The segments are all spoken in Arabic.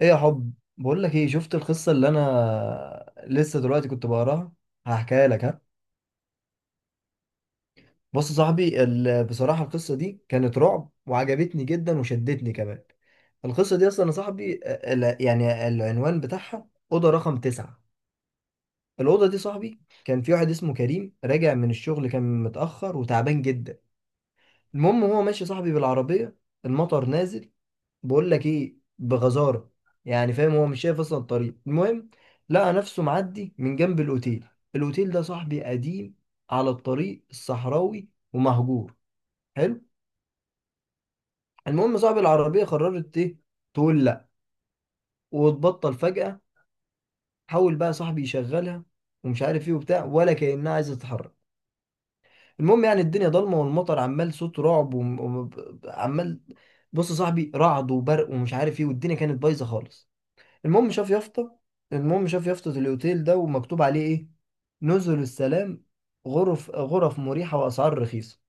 ايه يا حب؟ بقول لك ايه، شفت القصه اللي انا لسه دلوقتي كنت بقراها؟ هحكيها لك، ها. بص يا صاحبي، بصراحه القصه دي كانت رعب وعجبتني جدا وشدتني كمان. القصه دي اصلا يا صاحبي، يعني العنوان بتاعها اوضه رقم تسعة. الاوضه دي صاحبي، كان في واحد اسمه كريم راجع من الشغل، كان متاخر وتعبان جدا. المهم هو ماشي صاحبي بالعربيه، المطر نازل، بقول لك ايه، بغزاره، يعني فاهم هو مش شايف اصلا الطريق. المهم لقى نفسه معدي من جنب الاوتيل. الاوتيل ده صاحبي قديم، على الطريق الصحراوي ومهجور. حلو. المهم صاحب العربيه قررت ايه؟ تقول لا وتبطل فجاه. حاول بقى صاحبي يشغلها، ومش عارف ايه وبتاع، ولا كانها عايزه تتحرك. المهم يعني الدنيا ضلمه، والمطر عمال صوت رعب وعمال، بص يا صاحبي رعد وبرق ومش عارف ايه، والدنيا كانت بايظه خالص. المهم شاف يافطة المهم شاف يافطة الأوتيل ده، ومكتوب عليه إيه؟ نزل السلام. غرف، غرف مريحة وأسعار رخيصة.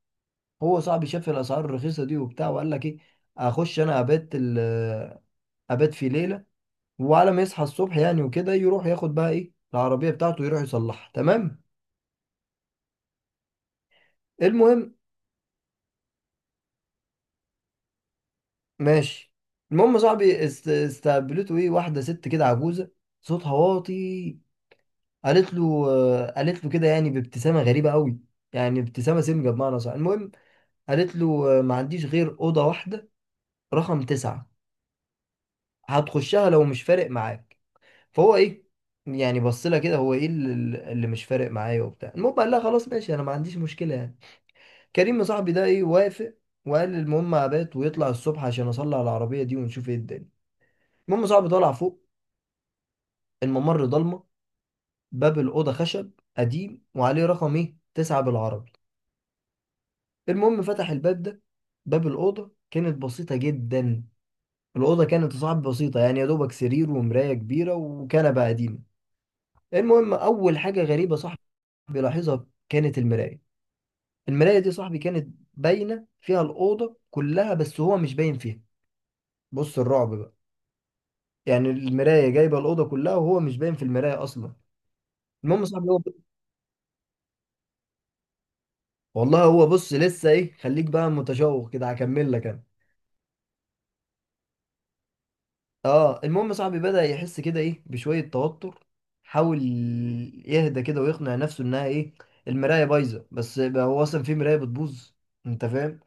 هو صاحبي شاف الأسعار الرخيصة دي وبتاع، وقال لك إيه؟ أخش أنا أبات في ليلة، وعلى ما يصحى الصبح يعني وكده يروح ياخد بقى إيه العربية بتاعته، يروح يصلحها تمام. المهم. ماشي. المهم صاحبي استقبلته إيه، واحدة ست كده عجوزة، صوتها واطي. قالت له آه. قالت له كده يعني بابتسامه غريبه قوي، يعني ابتسامه سمجه بمعنى صح. المهم، قالت له ما عنديش غير اوضه واحده رقم تسعة، هتخشها لو مش فارق معاك. فهو ايه، يعني بص لها كده، هو ايه اللي مش فارق معايا وبتاع؟ المهم قال لها خلاص ماشي، انا ما عنديش مشكله يعني. كريم صاحبي ده ايه، وافق، وقال المهم ابات ويطلع الصبح عشان اصلي على العربيه دي ونشوف ايه الدنيا. المهم صاحبي طلع فوق، الممر ضلمه، باب الاوضه خشب قديم وعليه رقم ايه، تسعة بالعربي. المهم فتح الباب ده، باب الأوضة كانت بسيطة جدا. الأوضة كانت صعب بسيطة، يعني يا دوبك سرير ومراية كبيرة وكنبة قديمة. المهم أول حاجة غريبة صاحبي لاحظها كانت المراية. المراية دي صاحبي كانت باينة فيها الأوضة كلها، بس هو مش باين فيها. بص الرعب بقى، يعني المراية جايبة الأوضة كلها وهو مش باين في المراية أصلا. المهم صاحبي هو، والله هو بص لسه إيه، خليك بقى متشوق كده هكمل لك أنا. اه، المهم صاحبي بدأ يحس كده ايه، بشوية توتر، حاول يهدى كده ويقنع نفسه انها ايه، المراية بايظة، بس بقى هو اصلا في مراية بتبوظ؟ انت فاهم.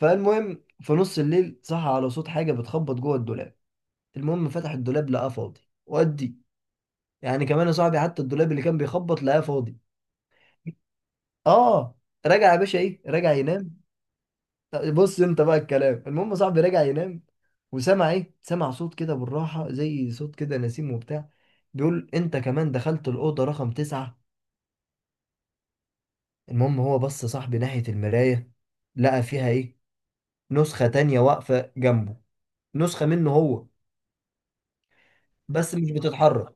فالمهم في نص الليل صحى على صوت حاجة بتخبط جوه الدولاب. المهم فتح الدولاب، لقاه فاضي. ودي يعني كمان يا صاحبي، حتى الدولاب اللي كان بيخبط لقاه فاضي. اه. رجع يا باشا ايه، رجع ينام. بص انت بقى الكلام. المهم صاحبي رجع ينام، وسمع ايه، سمع صوت كده بالراحة زي صوت كده نسيم وبتاع، بيقول انت كمان دخلت الأوضة رقم تسعة. المهم هو بص صاحبي ناحية المراية، لقى فيها ايه، نسخة تانية واقفة جنبه، نسخة منه هو، بس مش بتتحرك.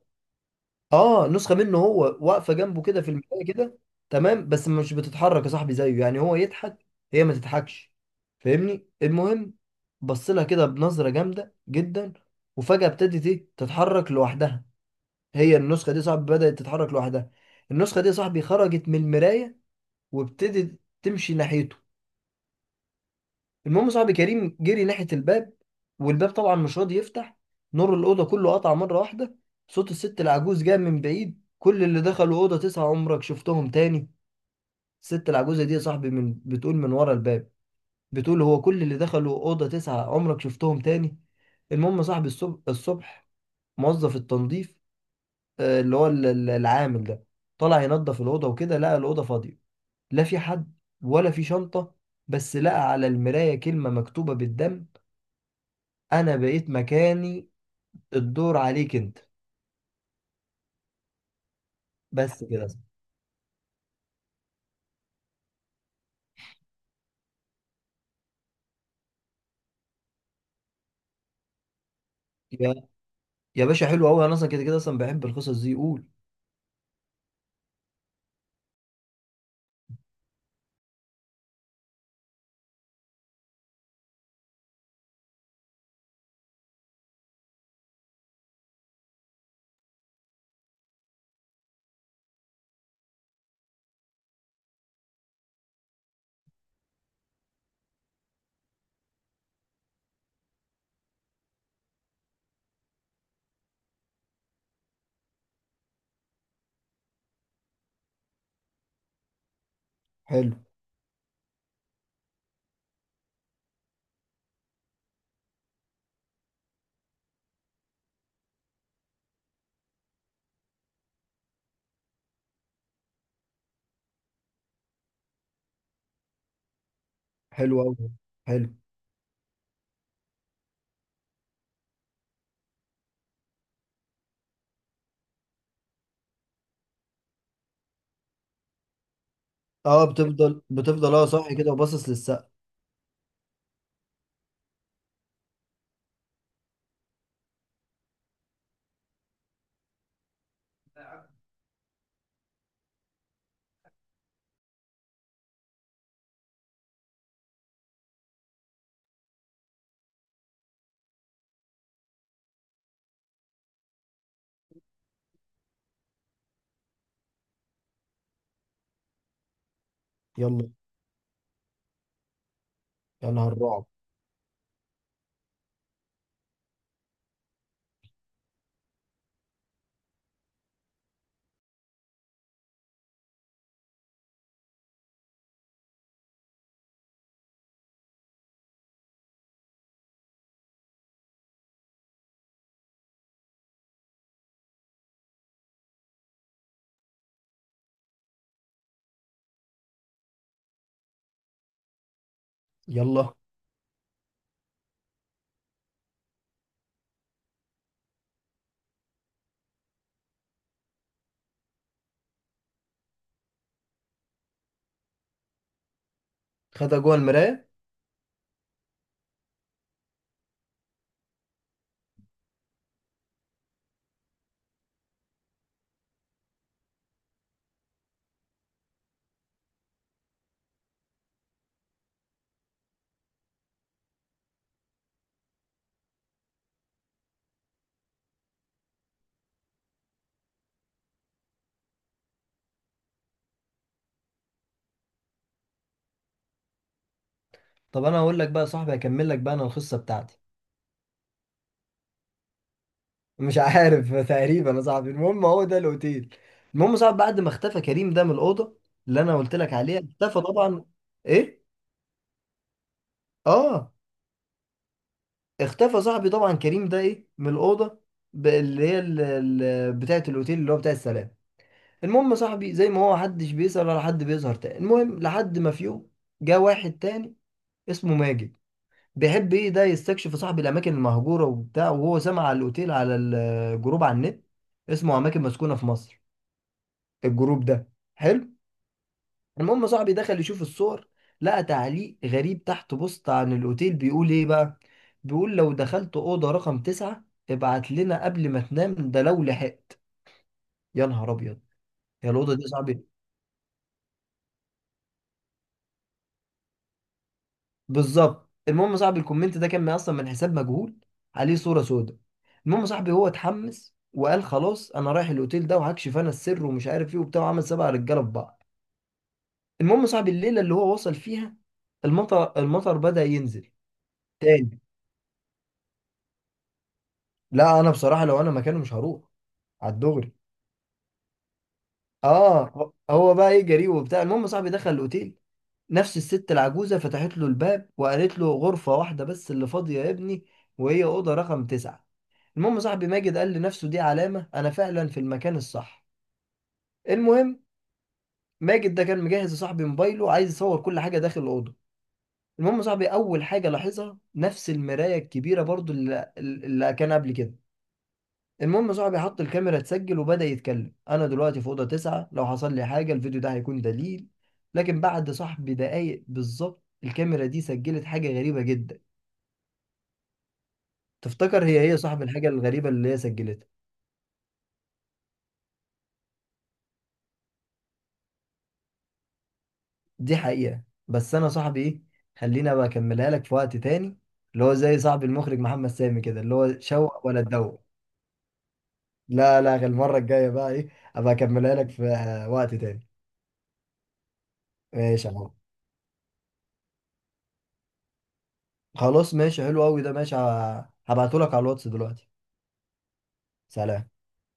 اه، نسخه منه هو واقفه جنبه كده في المرايه كده. تمام، بس مش بتتحرك يا صاحبي زيه، يعني هو يضحك، هي ما تضحكش، فاهمني. المهم بص لها كده بنظره جامده جدا، وفجاه ابتدت ايه، تتحرك لوحدها. هي النسخه دي يا صاحبي بدات تتحرك لوحدها. النسخه دي يا صاحبي خرجت من المرايه، وابتدت تمشي ناحيته. المهم صاحبي كريم جري ناحية الباب، والباب طبعا مش راضي يفتح. نور الأوضة كله قطع مرة واحدة. صوت الست العجوز جاء من بعيد: كل اللي دخلوا أوضة تسعة عمرك شفتهم تاني. الست العجوزة دي يا صاحبي من بتقول من ورا الباب، بتقول هو كل اللي دخلوا أوضة تسعة عمرك شفتهم تاني. المهم يا صاحبي الصبح موظف التنظيف، اللي هو العامل ده، طلع ينظف الأوضة وكده، لقى الأوضة فاضية، لا في حد ولا في شنطة، بس لقى على المراية كلمة مكتوبة بالدم: انا بقيت مكاني، الدور عليك انت. بس كده. يا يا باشا حلو قوي، انا اصلا كده كده اصلا بحب القصص دي، قول. حلو. حلو قوي. حلو. اه، بتفضل بتفضل اه صاحي كده وباصص للسقف. يلا. يا نهار رعب. يلا. خدها جوه المرايه. طب انا هقول لك بقى يا صاحبي، هكمل لك بقى انا القصه بتاعتي. مش عارف تقريبا يا صاحبي. المهم هو ده الاوتيل. المهم يا صاحبي بعد ما اختفى كريم ده من الاوضه، اللي انا قلت لك عليها، اختفى طبعا. ايه؟ اه. اختفى صاحبي طبعا كريم ده ايه، من الاوضه، اللي هي بتاعه الاوتيل اللي هو بتاع السلام. المهم يا صاحبي زي ما هو محدش بيسأل ولا حد بيظهر تاني، المهم لحد ما في يوم جه واحد تاني اسمه ماجد. بيحب ايه ده، يستكشف صاحبي الاماكن المهجوره وبتاع، وهو سمع على الاوتيل على الجروب على النت، اسمه اماكن مسكونه في مصر، الجروب ده. حلو. المهم صاحبي دخل يشوف الصور، لقى تعليق غريب تحت بوست عن الأوتيل بيقول إيه بقى، بيقول لو دخلت أوضة رقم تسعة ابعت لنا قبل ما تنام، ده لو لحقت. يا نهار أبيض. يا الأوضة دي يا صاحبي. بالظبط. المهم صاحبي الكومنت ده كان من أصلا من حساب مجهول، عليه صورة سوداء. المهم صاحبي هو اتحمس وقال خلاص أنا رايح الأوتيل ده وهكشف أنا السر ومش عارف إيه وبتاع، وعمل سبع رجالة في بعض. المهم صاحبي الليلة اللي هو وصل فيها المطر بدأ ينزل. تاني. لا، انا بصراحه لو انا مكانه مش هروح، على الدغري. اه هو بقى ايه، جريء وبتاع. المهم صاحبي دخل الاوتيل، نفس الست العجوزه فتحت له الباب وقالت له غرفه واحده بس اللي فاضيه يا ابني، وهي اوضه رقم تسعة. المهم صاحبي ماجد قال لنفسه دي علامه، انا فعلا في المكان الصح. المهم ماجد ده كان مجهز لصاحبي موبايله، عايز يصور كل حاجه داخل الاوضه. المهم صاحبي اول حاجه لاحظها نفس المرايه الكبيره برضو اللي كان قبل كده. المهم صاحبي حط الكاميرا تسجل وبدأ يتكلم: انا دلوقتي في اوضه تسعة، لو حصل لي حاجه الفيديو ده هيكون دليل. لكن بعد صاحبي دقايق بالظبط الكاميرا دي سجلت حاجه غريبه جدا. تفتكر هي ايه صاحب الحاجه الغريبه اللي هي سجلتها؟ دي حقيقه، بس انا صاحبي ايه، خلينا بقى اكملها لك في وقت تاني، اللي هو زي صاحب المخرج محمد سامي كده اللي هو شوق ولا تدوق. لا لا، غير المره الجايه بقى ايه، ابقى اكملها لك في وقت تاني. ماشي يا عم. خلاص ماشي، حلو قوي ده، ماشي. هبعته لك على الواتس دلوقتي. سلام.